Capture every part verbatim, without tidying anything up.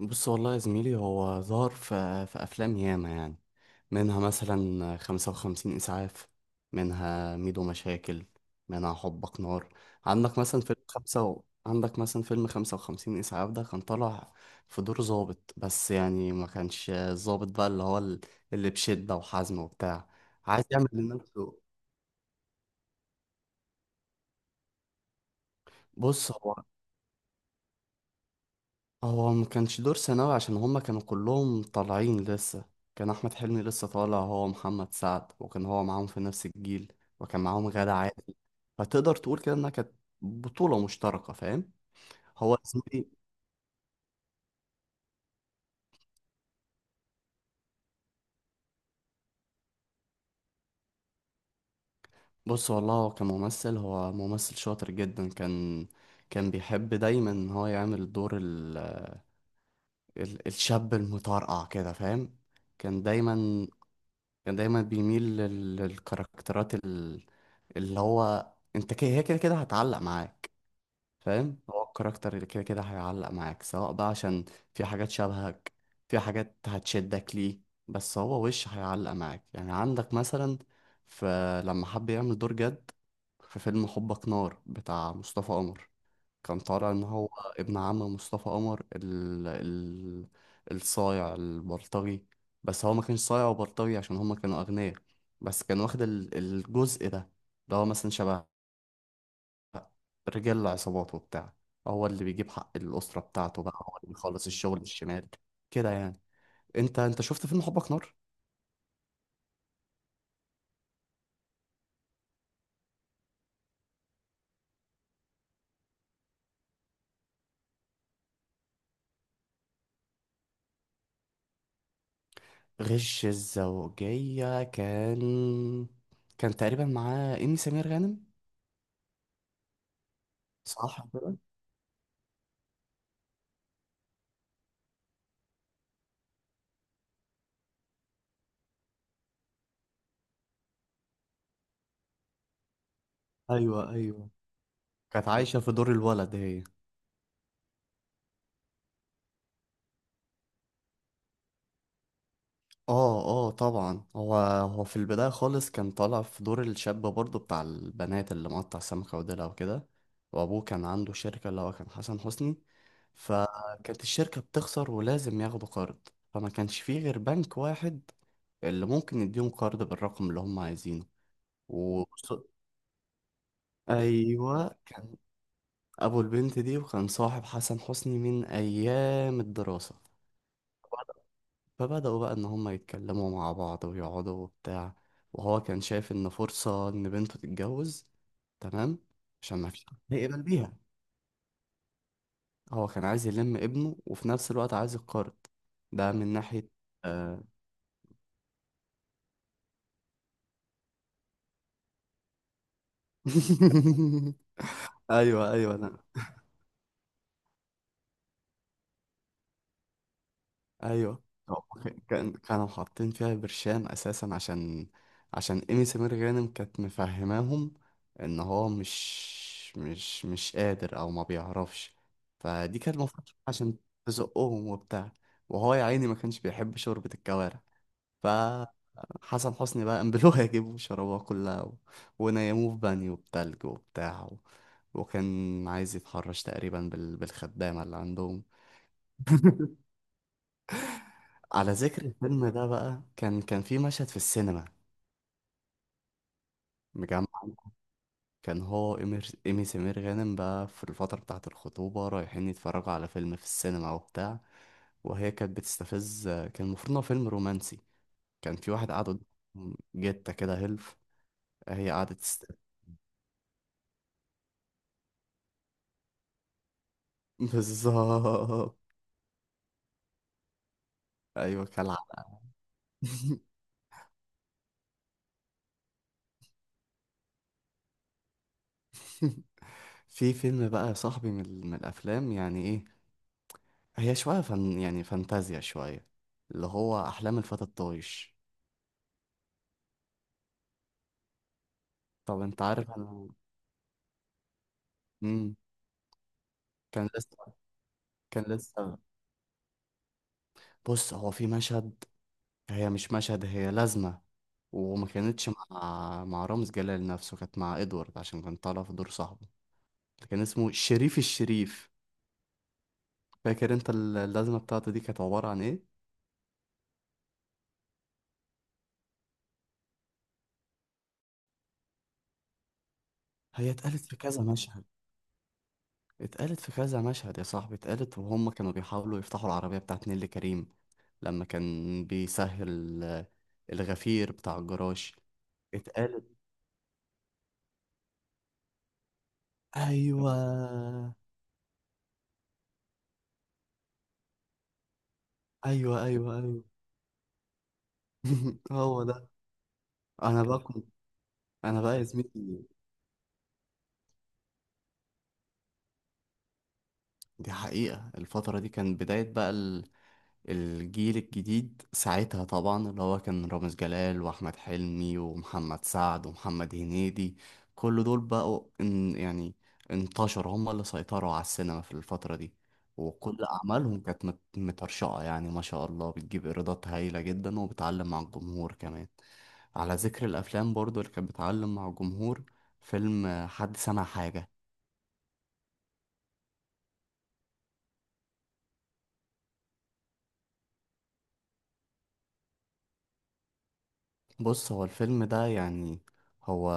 بص والله يا زميلي، هو ظهر في في أفلام ياما يعني. منها مثلا خمسة وخمسين إسعاف، منها ميدو مشاكل، منها حبك نار. عندك مثلا فيلم خمسة و... عندك مثلا فيلم خمسة وخمسين إسعاف. ده كان طالع في دور ضابط، بس يعني ما كانش الضابط بقى اللي هو ال- اللي بشدة وحزم وبتاع، عايز يعمل لنفسه. بص، هو هو ما كانش دور ثانوي عشان هما كانوا كلهم طالعين لسه. كان احمد حلمي لسه طالع، هو محمد سعد، وكان هو معاهم في نفس الجيل، وكان معاهم غادة عادل. فتقدر تقول كده انها كانت بطولة مشتركة، فاهم. هو اسمه إيه؟ بص والله هو كممثل، هو ممثل شاطر جدا. كان كان بيحب دايما ان هو يعمل دور ال... ال... الشاب المطرقع كده، فاهم. كان دايما كان دايما بيميل لل... للكاركترات ال... اللي هو، انت كده هي كده كده هتعلق معاك. فاهم، هو الكاركتر اللي كده كده هيعلق معاك، سواء بقى عشان في حاجات شبهك، في حاجات هتشدك ليه، بس هو وش هيعلق معاك يعني. عندك مثلا، فلما حب يعمل دور جد في فيلم حبك نار بتاع مصطفى قمر، كان طالع ان هو ابن عم مصطفى قمر، ال... ال... الصايع البلطجي. بس هو ما كانش صايع وبلطجي عشان هما كانوا اغنياء، بس كان واخد ال- الجزء ده، اللي هو مثلا شبه رجال العصابات وبتاع. هو اللي بيجيب حق الأسرة بتاعته، بقى هو اللي بيخلص الشغل الشمال كده يعني. انت انت شفت فيلم حبك نار؟ غش الزوجية كان، كان تقريبا معاه إيمي سمير غانم، صح كده. ايوه، ايوه، كانت عايشة في دور الولد هي. اه اه طبعا، هو هو في البداية خالص كان طالع في دور الشاب برضه بتاع البنات، اللي مقطع سمكة وديلها وكده. وابوه كان عنده شركة، اللي هو كان حسن حسني. فكانت الشركة بتخسر ولازم ياخدوا قرض، فما كانش فيه غير بنك واحد اللي ممكن يديهم قرض بالرقم اللي هم عايزينه و... ايوه كان، ابو البنت دي، وكان صاحب حسن حسني من ايام الدراسة. فبدأوا بقى إن هما يتكلموا مع بعض ويقعدوا وبتاع، وهو كان شايف إن فرصة إن بنته تتجوز، تمام، عشان مفيش حد هيقبل بيها. هو كان عايز يلم ابنه وفي نفس الوقت عايز يتقرض، ده من ناحية. آه... أيوه أيوه أنا. ايوه، هو كان، كانوا حاطين فيها برشام اساسا عشان، عشان ايمي سمير غانم كانت مفهماهم ان هو مش مش مش قادر او ما بيعرفش. فدي كانت المفروض عشان تزقهم وبتاع، وهو يا عيني ما كانش بيحب شوربة الكوارع. فحسن حسني بقى قام يجيبوا شربوها كلها و... ونيموه في بانيو بتلج وبتاع و... وكان عايز يتحرش تقريبا بال... بالخدامة اللي عندهم. على ذكر الفيلم ده بقى، كان كان في مشهد في السينما مجمع. كان هو إمير- إيمي سمير غانم بقى، في الفترة بتاعة الخطوبة رايحين يتفرجوا على فيلم في السينما وبتاع، وهي كانت بتستفز. كان المفروض إن هو فيلم رومانسي، كان في واحد قاعد قدام، جتة كده هيلف، هي قعدت تست... بالظبط. أيوة كالعادة. في فيلم بقى يا صاحبي، من, ال- من الأفلام، يعني إيه، هي شوية فن يعني، فانتازيا شوية، اللي هو أحلام الفتى الطايش. طب انت عارف انا. مم. كان لسه كان لسه، بص هو في مشهد، هي مش مشهد، هي لازمة، وما كانتش مع مع رامز جلال نفسه، كانت مع ادوارد عشان كان طالع في دور صاحبه اللي كان اسمه شريف الشريف. فاكر انت ال- اللازمة بتاعته دي كانت عبارة عن ايه؟ هي اتقالت في كذا مشهد، اتقالت في كذا مشهد يا صاحبي، اتقالت وهم كانوا بيحاولوا يفتحوا العربية بتاعت نيللي كريم، لما كان بيسهل آه، الغفير بتاع الجراج. اتقالت. ايوه ايوه ايوه ايوه. هو ده. انا بقى كنت انا بقى يا زميلي، دي حقيقة الفترة دي كان بداية بقى ال... الجيل الجديد ساعتها، طبعا اللي هو كان رامز جلال واحمد حلمي ومحمد سعد ومحمد هنيدي. كل دول بقوا ان... يعني انتشروا، هم اللي سيطروا على السينما في الفترة دي. وكل أعمالهم كانت مت- مترشقة يعني، ما شاء الله، بتجيب إيرادات هايلة جدا، وبتعلم مع الجمهور كمان. على ذكر الافلام برضو اللي كانت بتعلم مع الجمهور، فيلم آه، حد سمع حاجة. بص هو الفيلم ده يعني، هو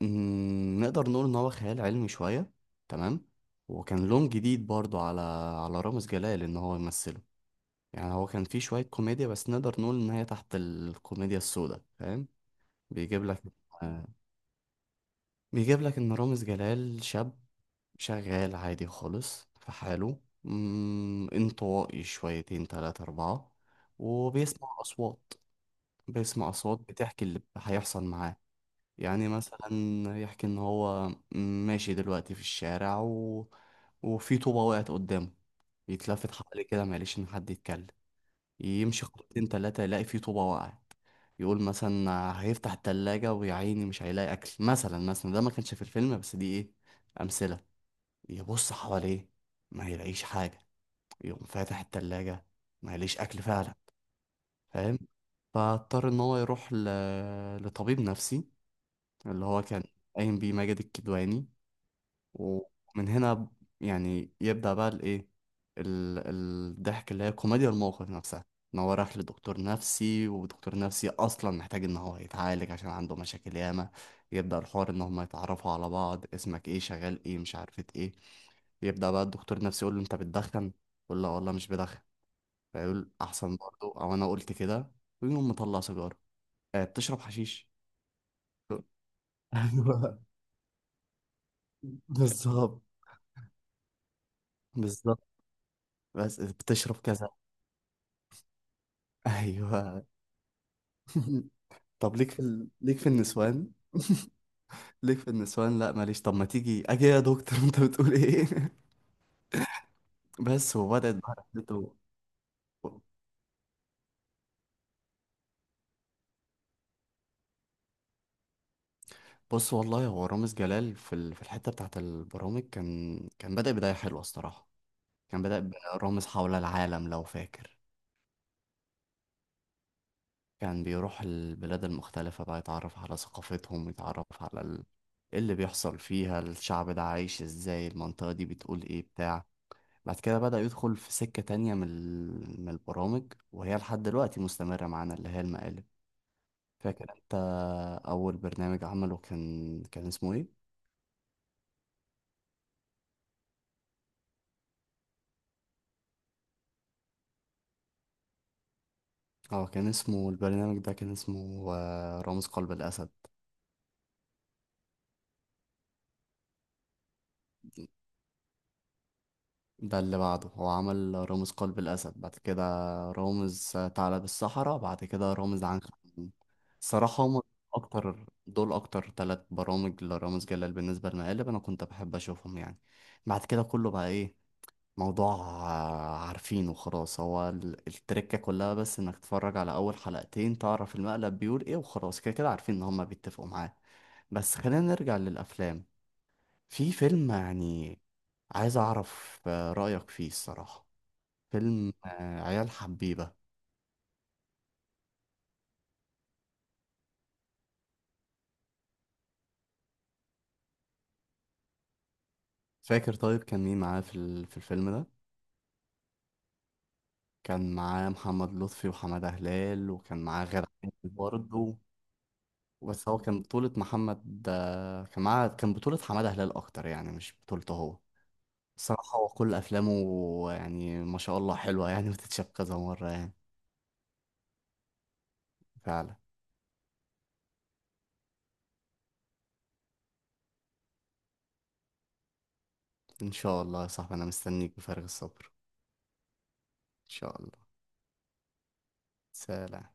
مم، نقدر نقول ان هو خيال علمي شوية، تمام. وكان لون جديد برضو على، على رامز جلال ان هو يمثله. يعني هو كان فيه شوية كوميديا، بس نقدر نقول ان هي تحت الكوميديا السوداء، فاهم. بيجيب لك، آه، بيجيب لك ان رامز جلال شاب، شغال عادي خالص في حاله، مم، انطوائي شويتين تلاتة أربعة، وبيسمع أصوات. بيسمع أصوات بتحكي اللي هيحصل معاه. يعني مثلا، يحكي إن هو ماشي دلوقتي في الشارع و... وفي طوبة وقعت قدامه، يتلفت حواليه كده معلش إن حد يتكلم، يمشي خطوتين تلاتة يلاقي في طوبة وقعت. يقول مثلا هيفتح التلاجة ويا عيني مش هيلاقي أكل. مثلا مثلا ده ما كانش في الفيلم، بس دي إيه، أمثلة. يبص حواليه ما يلاقيش حاجة، يقوم فاتح التلاجة، ما يلاقيش أكل فعلا، فاهم. فاضطر إن هو يروح ل... لطبيب نفسي، اللي هو كان قايم بيه ماجد الكدواني. ومن هنا يعني يبدأ بقى الايه، ال- الضحك، اللي هي كوميديا الموقف نفسها، ان هو راح لدكتور نفسي ودكتور نفسي اصلا محتاج ان هو يتعالج عشان عنده مشاكل ياما. يبدأ الحوار ان هم يتعرفوا على بعض، اسمك ايه، شغال ايه، مش عارفة ايه. يبدأ بقى الدكتور نفسي يقول له انت بتدخن، يقول له "آه والله مش بدخن". فيقول احسن برضه، او انا قلت كده، ويقوم مطلع سيجارة. آه، بتشرب حشيش؟ ايوه بالظبط، بالظبط بس بتشرب كذا. ايوه. طب ليك في ال... ليك في النسوان. ليك في النسوان، لا ماليش. طب ما تيجي اجي يا دكتور، انت بتقول ايه. بس وبدأت بقى رحلته. بص والله هو رامز جلال في ال... في الحتة بتاعت البرامج كان، كان بدأ بداية حلوة الصراحة. كان بدأ برامز حول العالم لو فاكر. كان بيروح البلاد المختلفة بقى، يتعرف على ثقافتهم، يتعرف على ال... إيه اللي بيحصل فيها، الشعب ده عايش ازاي، المنطقة دي بتقول ايه بتاع بعد كده بدأ يدخل في سكة تانية من ال- من البرامج، وهي لحد دلوقتي مستمرة معانا، اللي هي المقالب. فاكر انت أول برنامج عمله، كان كان اسمه ايه؟ اه كان اسمه البرنامج ده، كان اسمه آه، رامز قلب الأسد. ده اللي بعده، هو عمل رامز قلب الأسد، بعد كده رامز ثعلب الصحراء، بعد كده رامز عنخ الأمين. الصراحة هم أكتر دول، أكتر تلات برامج لرامز جلال، بالنسبة للمقالب أنا كنت بحب أشوفهم يعني. بعد كده كله بقى ايه، موضوع آه، عارفينه خلاص، هو ال- التركة كلها، بس انك تتفرج على اول حلقتين تعرف المقلب بيقول ايه، وخلاص كده كده عارفين ان هما بيتفقوا معاه. بس خلينا نرجع للافلام، في فيلم يعني عايز اعرف آه، رأيك فيه الصراحة، فيلم آه، عيال حبيبة. فاكر، طيب كان مين معاه في ال- في الفيلم ده؟ كان معاه محمد لطفي وحمادة هلال، وكان معاه غادة عادل برضه. بس هو كان بطولة محمد، آه، كان معاه، كان بطولة حمادة هلال اكتر يعني، مش بطولته هو. صراحة هو كل أفلامه يعني، ما شاء الله، حلوة يعني وتتشاف كذا مرة يعني. فعلا. إن شاء الله يا صاحبي، أنا مستنيك بفارغ الصبر. إن شاء الله. سلام.